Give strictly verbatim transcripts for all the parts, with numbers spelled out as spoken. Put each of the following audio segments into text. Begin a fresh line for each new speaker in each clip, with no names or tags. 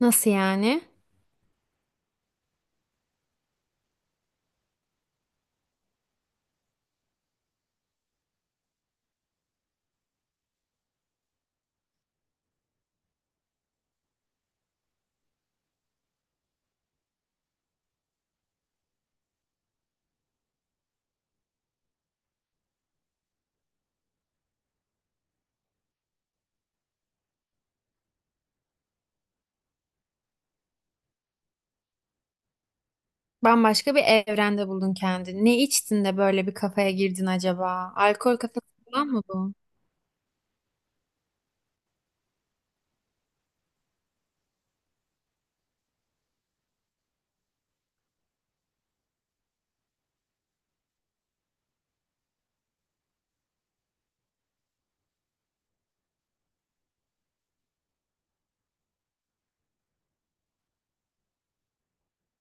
Nasıl yani? Bambaşka bir evrende buldun kendini. Ne içtin de böyle bir kafaya girdin acaba? Alkol kafası falan mı bu?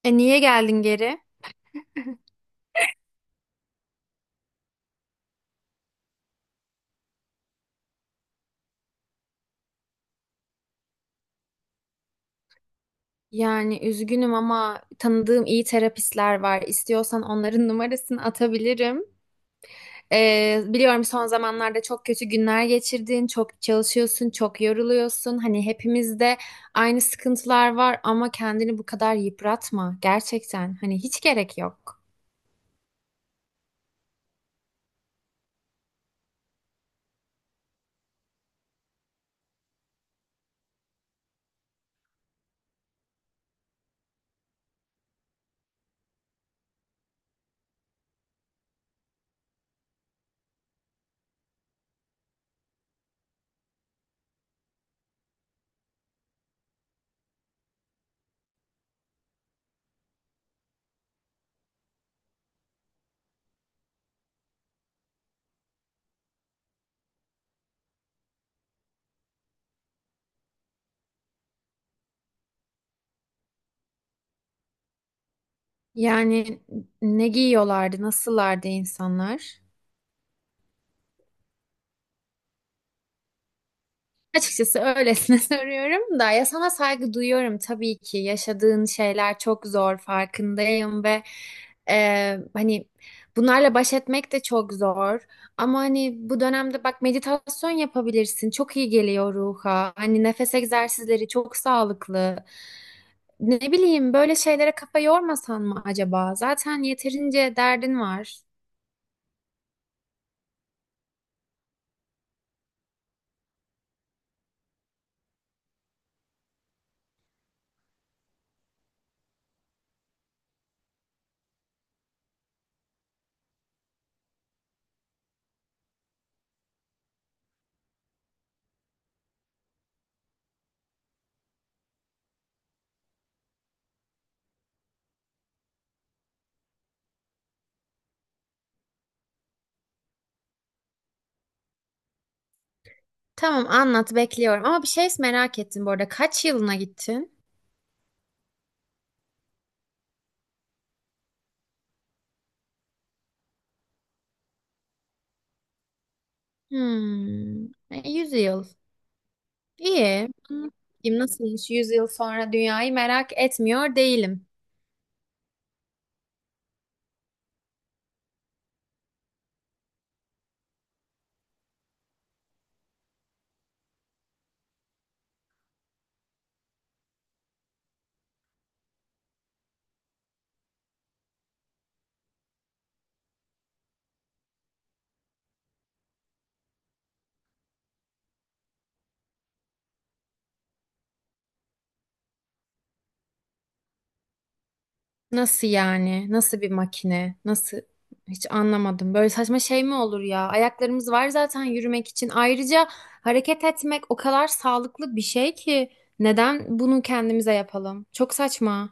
E niye geldin geri? Yani üzgünüm ama tanıdığım iyi terapistler var. İstiyorsan onların numarasını atabilirim. E, biliyorum son zamanlarda çok kötü günler geçirdin, çok çalışıyorsun, çok yoruluyorsun. Hani hepimizde aynı sıkıntılar var ama kendini bu kadar yıpratma. Gerçekten hani hiç gerek yok. Yani ne giyiyorlardı, nasıllardı insanlar? Açıkçası öylesine soruyorum da ya sana saygı duyuyorum tabii ki. Yaşadığın şeyler çok zor farkındayım ve e, hani bunlarla baş etmek de çok zor. Ama hani bu dönemde bak meditasyon yapabilirsin. Çok iyi geliyor ruha. Hani nefes egzersizleri çok sağlıklı. Ne bileyim böyle şeylere kafa yormasan mı acaba? Zaten yeterince derdin var. Tamam anlat bekliyorum ama bir şey merak ettim bu arada. Kaç yılına gittin? Hmm, e, yüz yıl. İyi. Anlatayım nasılmış yüz yıl sonra dünyayı merak etmiyor değilim. Nasıl yani? Nasıl bir makine? Nasıl? Hiç anlamadım. Böyle saçma şey mi olur ya? Ayaklarımız var zaten yürümek için. Ayrıca hareket etmek o kadar sağlıklı bir şey ki neden bunu kendimize yapalım? Çok saçma.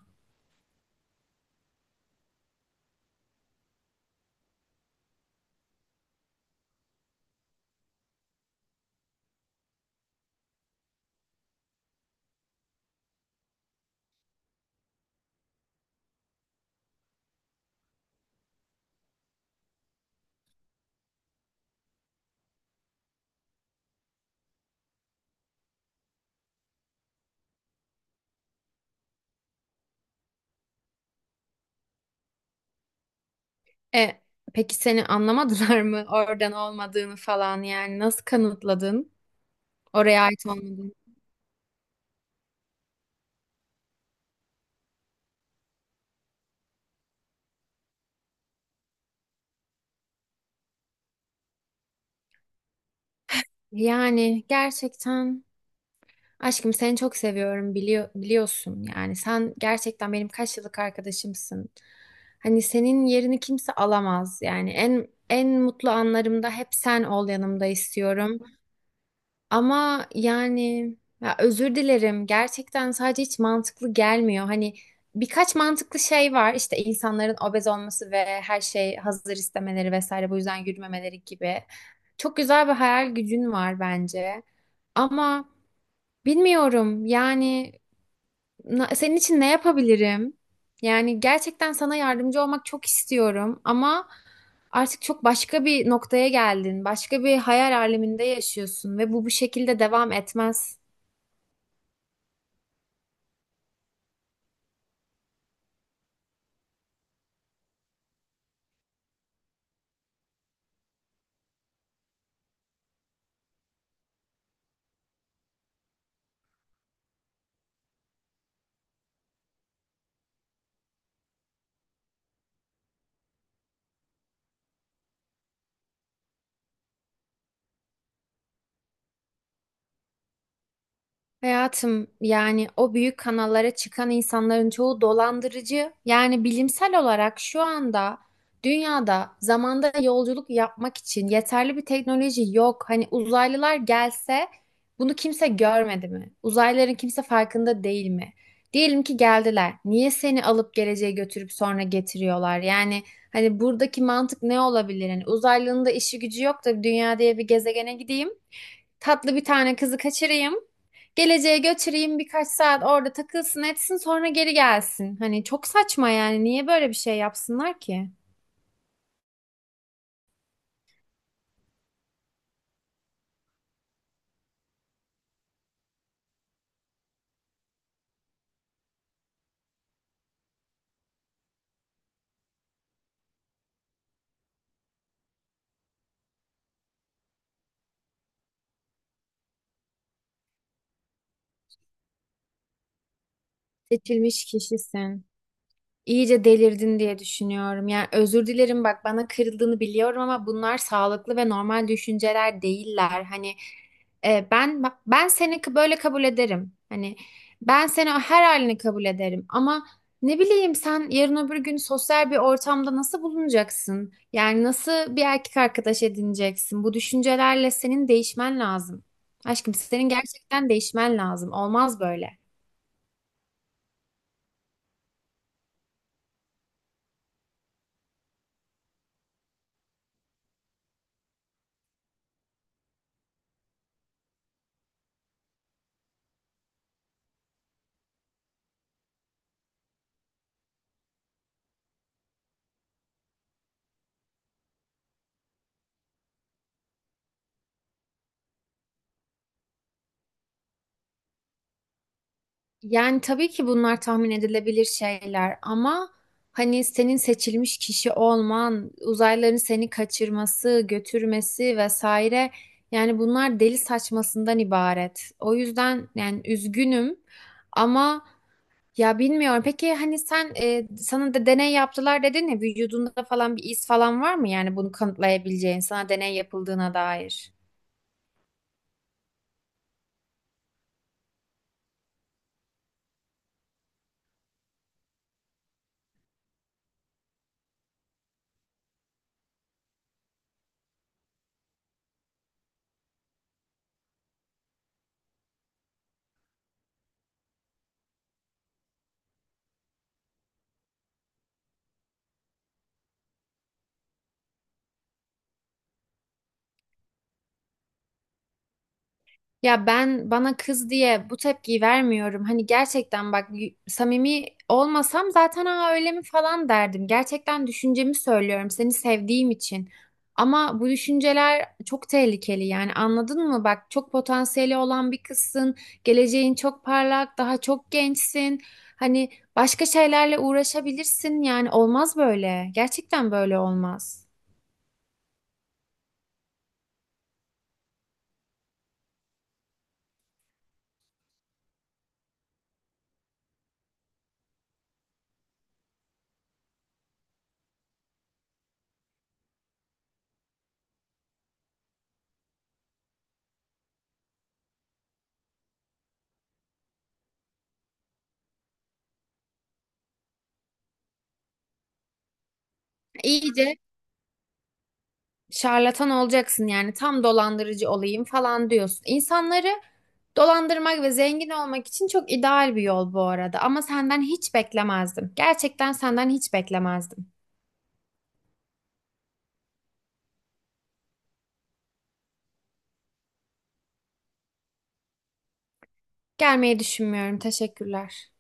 E, peki seni anlamadılar mı? Oradan olmadığını falan yani nasıl kanıtladın? Oraya ait olmadığını. Yani gerçekten aşkım seni çok seviyorum biliyor, biliyorsun yani sen gerçekten benim kaç yıllık arkadaşımsın. Hani senin yerini kimse alamaz yani en en mutlu anlarımda hep sen ol yanımda istiyorum. Ama yani ya özür dilerim. Gerçekten sadece hiç mantıklı gelmiyor. Hani birkaç mantıklı şey var. İşte insanların obez olması ve her şey hazır istemeleri vesaire bu yüzden yürümemeleri gibi. Çok güzel bir hayal gücün var bence. Ama bilmiyorum yani Na- Senin için ne yapabilirim? Yani gerçekten sana yardımcı olmak çok istiyorum ama artık çok başka bir noktaya geldin. Başka bir hayal aleminde yaşıyorsun ve bu bu şekilde devam etmez. Hayatım yani o büyük kanallara çıkan insanların çoğu dolandırıcı. Yani bilimsel olarak şu anda dünyada zamanda yolculuk yapmak için yeterli bir teknoloji yok. Hani uzaylılar gelse bunu kimse görmedi mi? Uzaylıların kimse farkında değil mi? Diyelim ki geldiler. Niye seni alıp geleceğe götürüp sonra getiriyorlar? Yani hani buradaki mantık ne olabilir? Hani uzaylının da işi gücü yok da dünya diye bir gezegene gideyim. Tatlı bir tane kızı kaçırayım. Geleceğe götüreyim birkaç saat orada takılsın etsin sonra geri gelsin. Hani çok saçma yani niye böyle bir şey yapsınlar ki? Seçilmiş kişisin. İyice delirdin diye düşünüyorum. Yani özür dilerim bak bana kırıldığını biliyorum ama bunlar sağlıklı ve normal düşünceler değiller. Hani e, ben ben seni k- böyle kabul ederim. Hani ben seni her halini kabul ederim ama ne bileyim sen yarın öbür gün sosyal bir ortamda nasıl bulunacaksın? Yani nasıl bir erkek arkadaş edineceksin? Bu düşüncelerle senin değişmen lazım. Aşkım senin gerçekten değişmen lazım. Olmaz böyle. Yani tabii ki bunlar tahmin edilebilir şeyler ama hani senin seçilmiş kişi olman, uzaylıların seni kaçırması, götürmesi vesaire yani bunlar deli saçmasından ibaret. O yüzden yani üzgünüm ama ya bilmiyorum. Peki hani sen e, sana da deney yaptılar dedin ya vücudunda falan bir iz falan var mı yani bunu kanıtlayabileceğin sana deney yapıldığına dair? Ya ben bana kız diye bu tepkiyi vermiyorum. Hani gerçekten bak y- samimi olmasam zaten ha öyle mi falan derdim. Gerçekten düşüncemi söylüyorum seni sevdiğim için. Ama bu düşünceler çok tehlikeli yani anladın mı? Bak çok potansiyeli olan bir kızsın. Geleceğin çok parlak, daha çok gençsin. Hani başka şeylerle uğraşabilirsin yani olmaz böyle. Gerçekten böyle olmaz. İyice şarlatan olacaksın yani tam dolandırıcı olayım falan diyorsun. İnsanları dolandırmak ve zengin olmak için çok ideal bir yol bu arada ama senden hiç beklemezdim. Gerçekten senden hiç beklemezdim. Gelmeyi düşünmüyorum. Teşekkürler.